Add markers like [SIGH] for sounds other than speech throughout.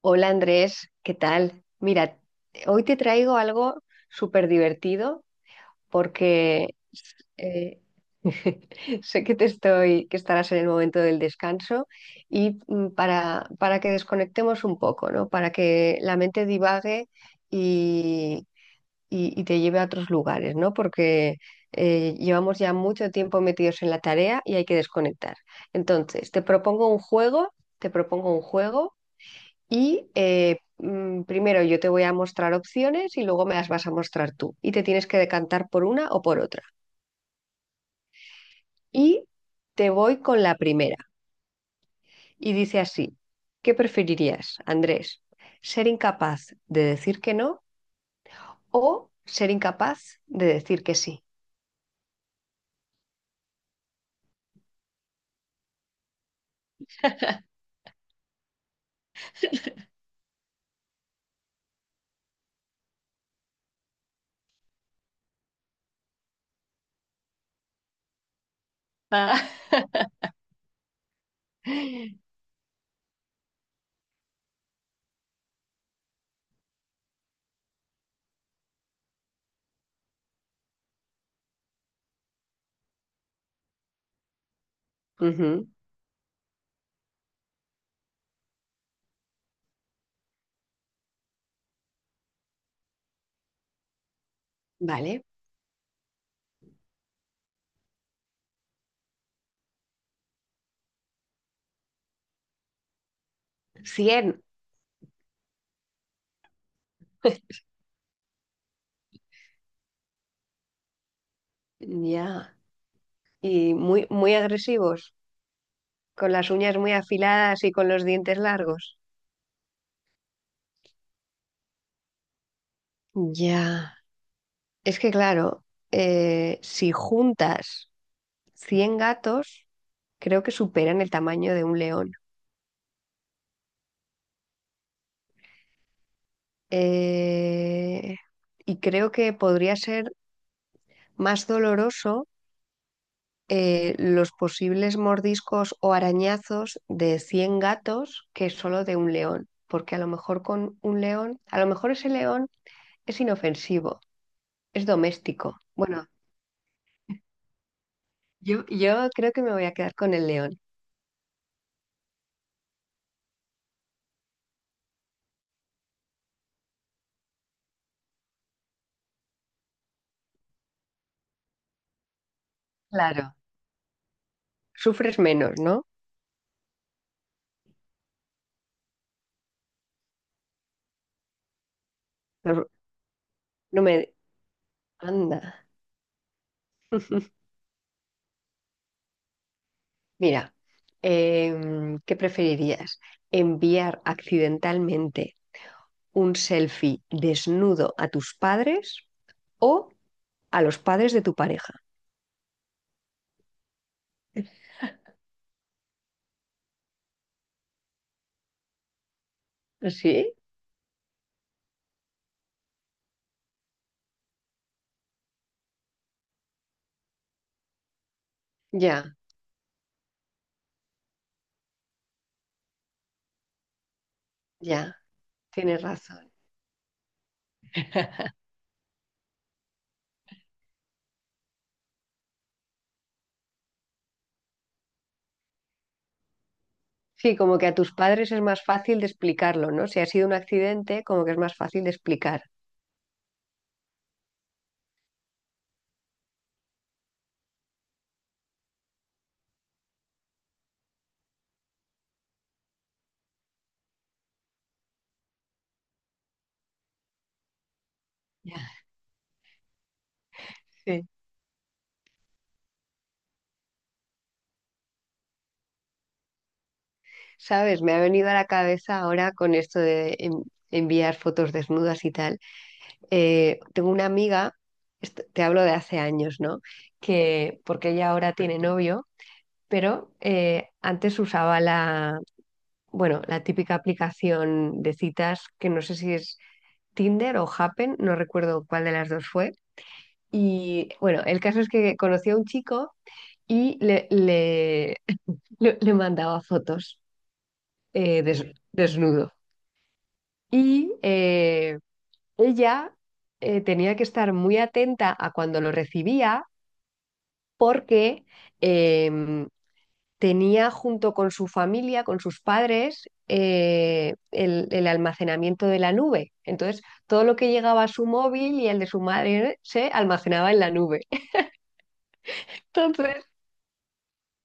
Hola Andrés, ¿qué tal? Mira, hoy te traigo algo súper divertido porque eh, [LAUGHS] sé que estarás en el momento del descanso y para que desconectemos un poco, ¿no? Para que la mente divague y, y te lleve a otros lugares, ¿no? Porque llevamos ya mucho tiempo metidos en la tarea y hay que desconectar. Entonces, te propongo un juego y primero yo te voy a mostrar opciones y luego me las vas a mostrar tú. Y te tienes que decantar por una o por otra. Y te voy con la primera. Y dice así, ¿qué preferirías, Andrés? ¿Ser incapaz de decir que no o ser incapaz de decir que sí? [GASPS] Ujú. Vale. Cien. [LAUGHS] Ya. Y muy, muy agresivos, con las uñas muy afiladas y con los dientes largos. Ya. Es que claro, si juntas 100 gatos, creo que superan el tamaño de un león. Eh, y creo que podría ser más doloroso, los posibles mordiscos o arañazos de 100 gatos que solo de un león. Porque a lo mejor con un león, a lo mejor ese león es inofensivo, es doméstico. Bueno, yo creo que me voy a quedar con el león. Claro. Sufres menos, ¿no? No, no me, anda. [LAUGHS] Mira, ¿qué preferirías? ¿Enviar accidentalmente un selfie desnudo a tus padres o a los padres de tu pareja? ¿Sí? Ya, ya, tienes razón. Sí, como que a tus padres es más fácil de explicarlo, ¿no? Si ha sido un accidente, como que es más fácil de explicar. Ya, sí. ¿Sabes? Me ha venido a la cabeza ahora con esto de enviar fotos desnudas y tal. Tengo una amiga, te hablo de hace años, ¿no? Que porque ella ahora tiene novio, pero antes usaba bueno, la típica aplicación de citas, que no sé si es Tinder o Happen, no recuerdo cuál de las dos fue. Y bueno, el caso es que conoció a un chico y [LAUGHS] le mandaba fotos, eh, des- desnudo. Y ella tenía que estar muy atenta a cuando lo recibía porque em, tenía junto con su familia, con sus padres, el almacenamiento de la nube. Entonces, todo lo que llegaba a su móvil y el de su madre se almacenaba en la nube. [LAUGHS] Entonces,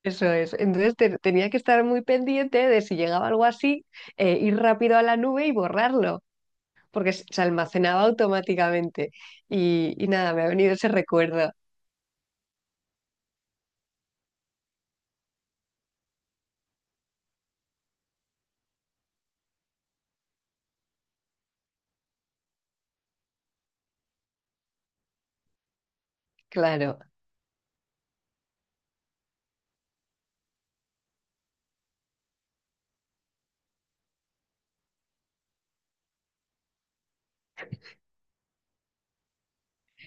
eso es. Entonces, tenía que estar muy pendiente de si llegaba algo así, ir rápido a la nube y borrarlo, porque se almacenaba automáticamente. Y nada, me ha venido ese recuerdo. Claro,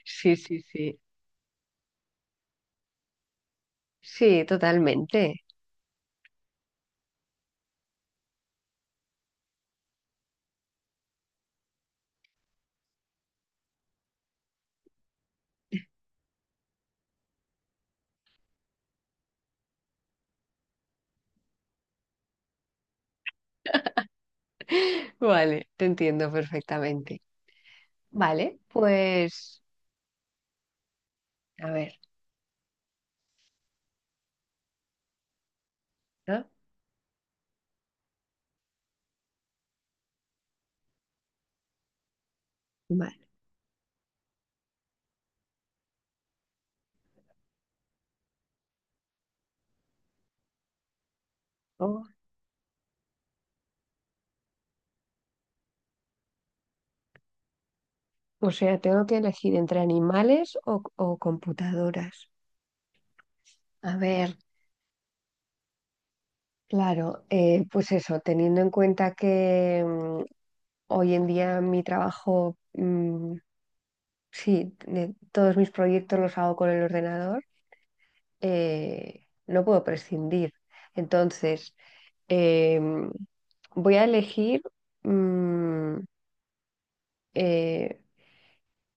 sí, sí, sí. Sí, totalmente. Vale, te entiendo perfectamente. Vale, pues, a ver, ¿no? Vale. O, o sea, tengo que elegir entre animales o computadoras. A ver, claro, pues eso, teniendo en cuenta que hoy en día mi trabajo, sí, todos mis proyectos los hago con el ordenador, no puedo prescindir. Entonces, em, voy a elegir, mm, eh,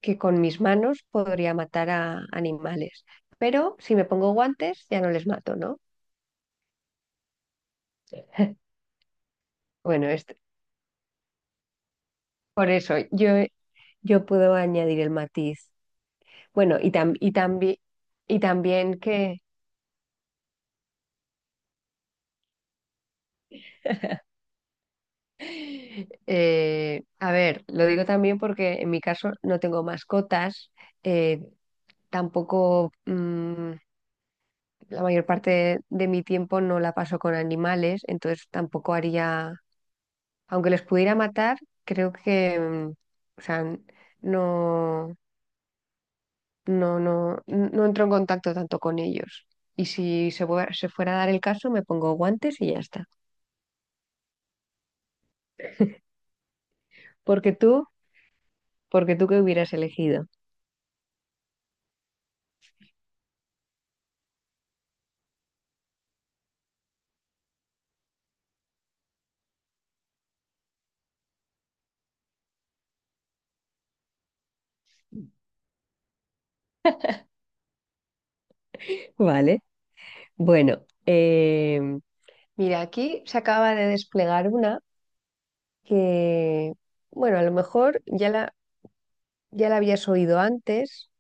que con mis manos podría matar a animales, pero si me pongo guantes ya no les mato, ¿no? [LAUGHS] Bueno, por eso yo puedo añadir el matiz. Bueno, y también que, [LAUGHS] a ver, lo digo también porque en mi caso no tengo mascotas, eh, tampoco, mm, la mayor parte de mi tiempo no la paso con animales, entonces tampoco haría. Aunque les pudiera matar, creo que, o sea, no, no entro en contacto tanto con ellos. Y si se fuera a dar el caso, me pongo guantes y ya está. Porque tú, porque tú qué hubieras elegido. Vale. Bueno, em, mira, aquí se acaba de desplegar una que, bueno, a lo mejor ya la habías oído antes,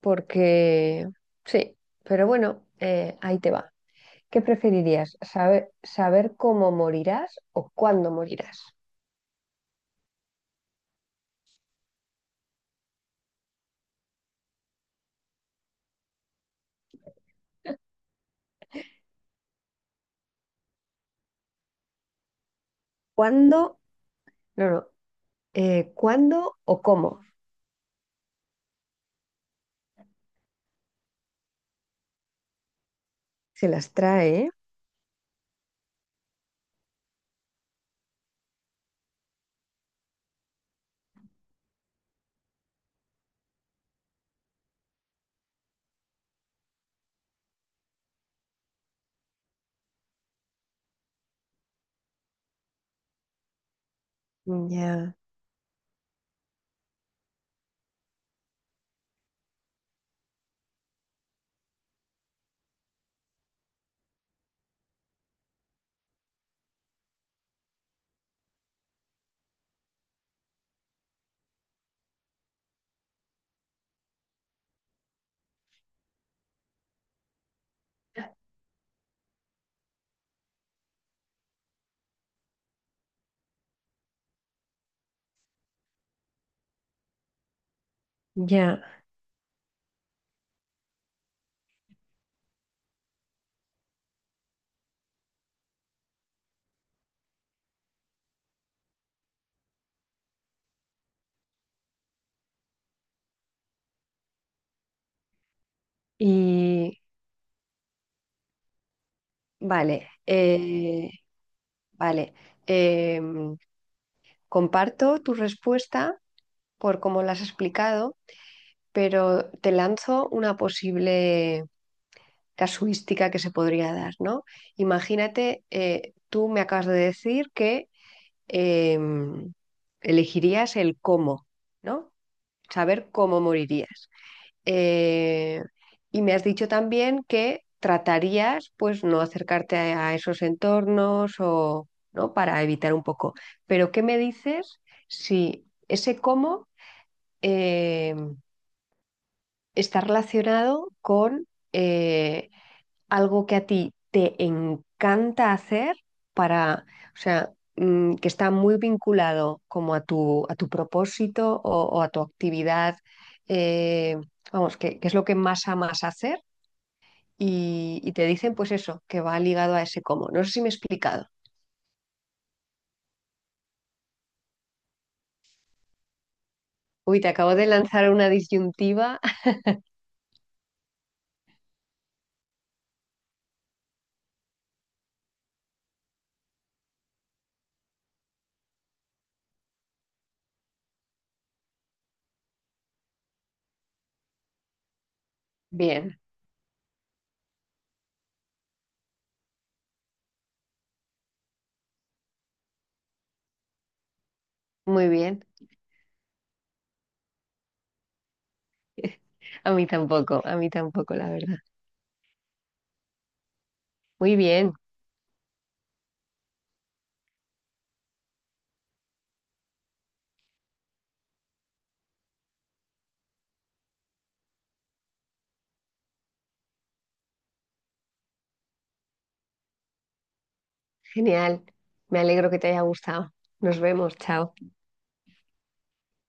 porque sí, pero bueno, ahí te va. ¿Qué preferirías? ¿Saber cómo morirás o cuándo morirás? ¿Cuándo? No, no. ¿Cuándo o cómo? Se las trae, ¿eh? Ya, ya. Y vale, vale. Em, Comparto tu respuesta por cómo la has explicado, pero te lanzo una posible casuística que se podría dar, ¿no? Imagínate, tú me acabas de decir que eh, elegirías el cómo, ¿no? Saber cómo morirías. Eh, y me has dicho también que tratarías, pues, no acercarte a esos entornos, o ¿no? Para evitar un poco. Pero, ¿qué me dices si ese cómo eh, está relacionado con eh, algo que a ti te encanta hacer, para, o sea, que está muy vinculado como a tu propósito, o a tu actividad, eh, vamos, que es lo que más amas hacer, y te dicen pues eso, que va ligado a ese cómo. No sé si me he explicado. Uy, te acabo de lanzar una disyuntiva. [LAUGHS] Bien, muy bien. [LAUGHS] A mí tampoco, la verdad. Muy bien, genial. Me alegro que te haya gustado. Nos vemos, chao.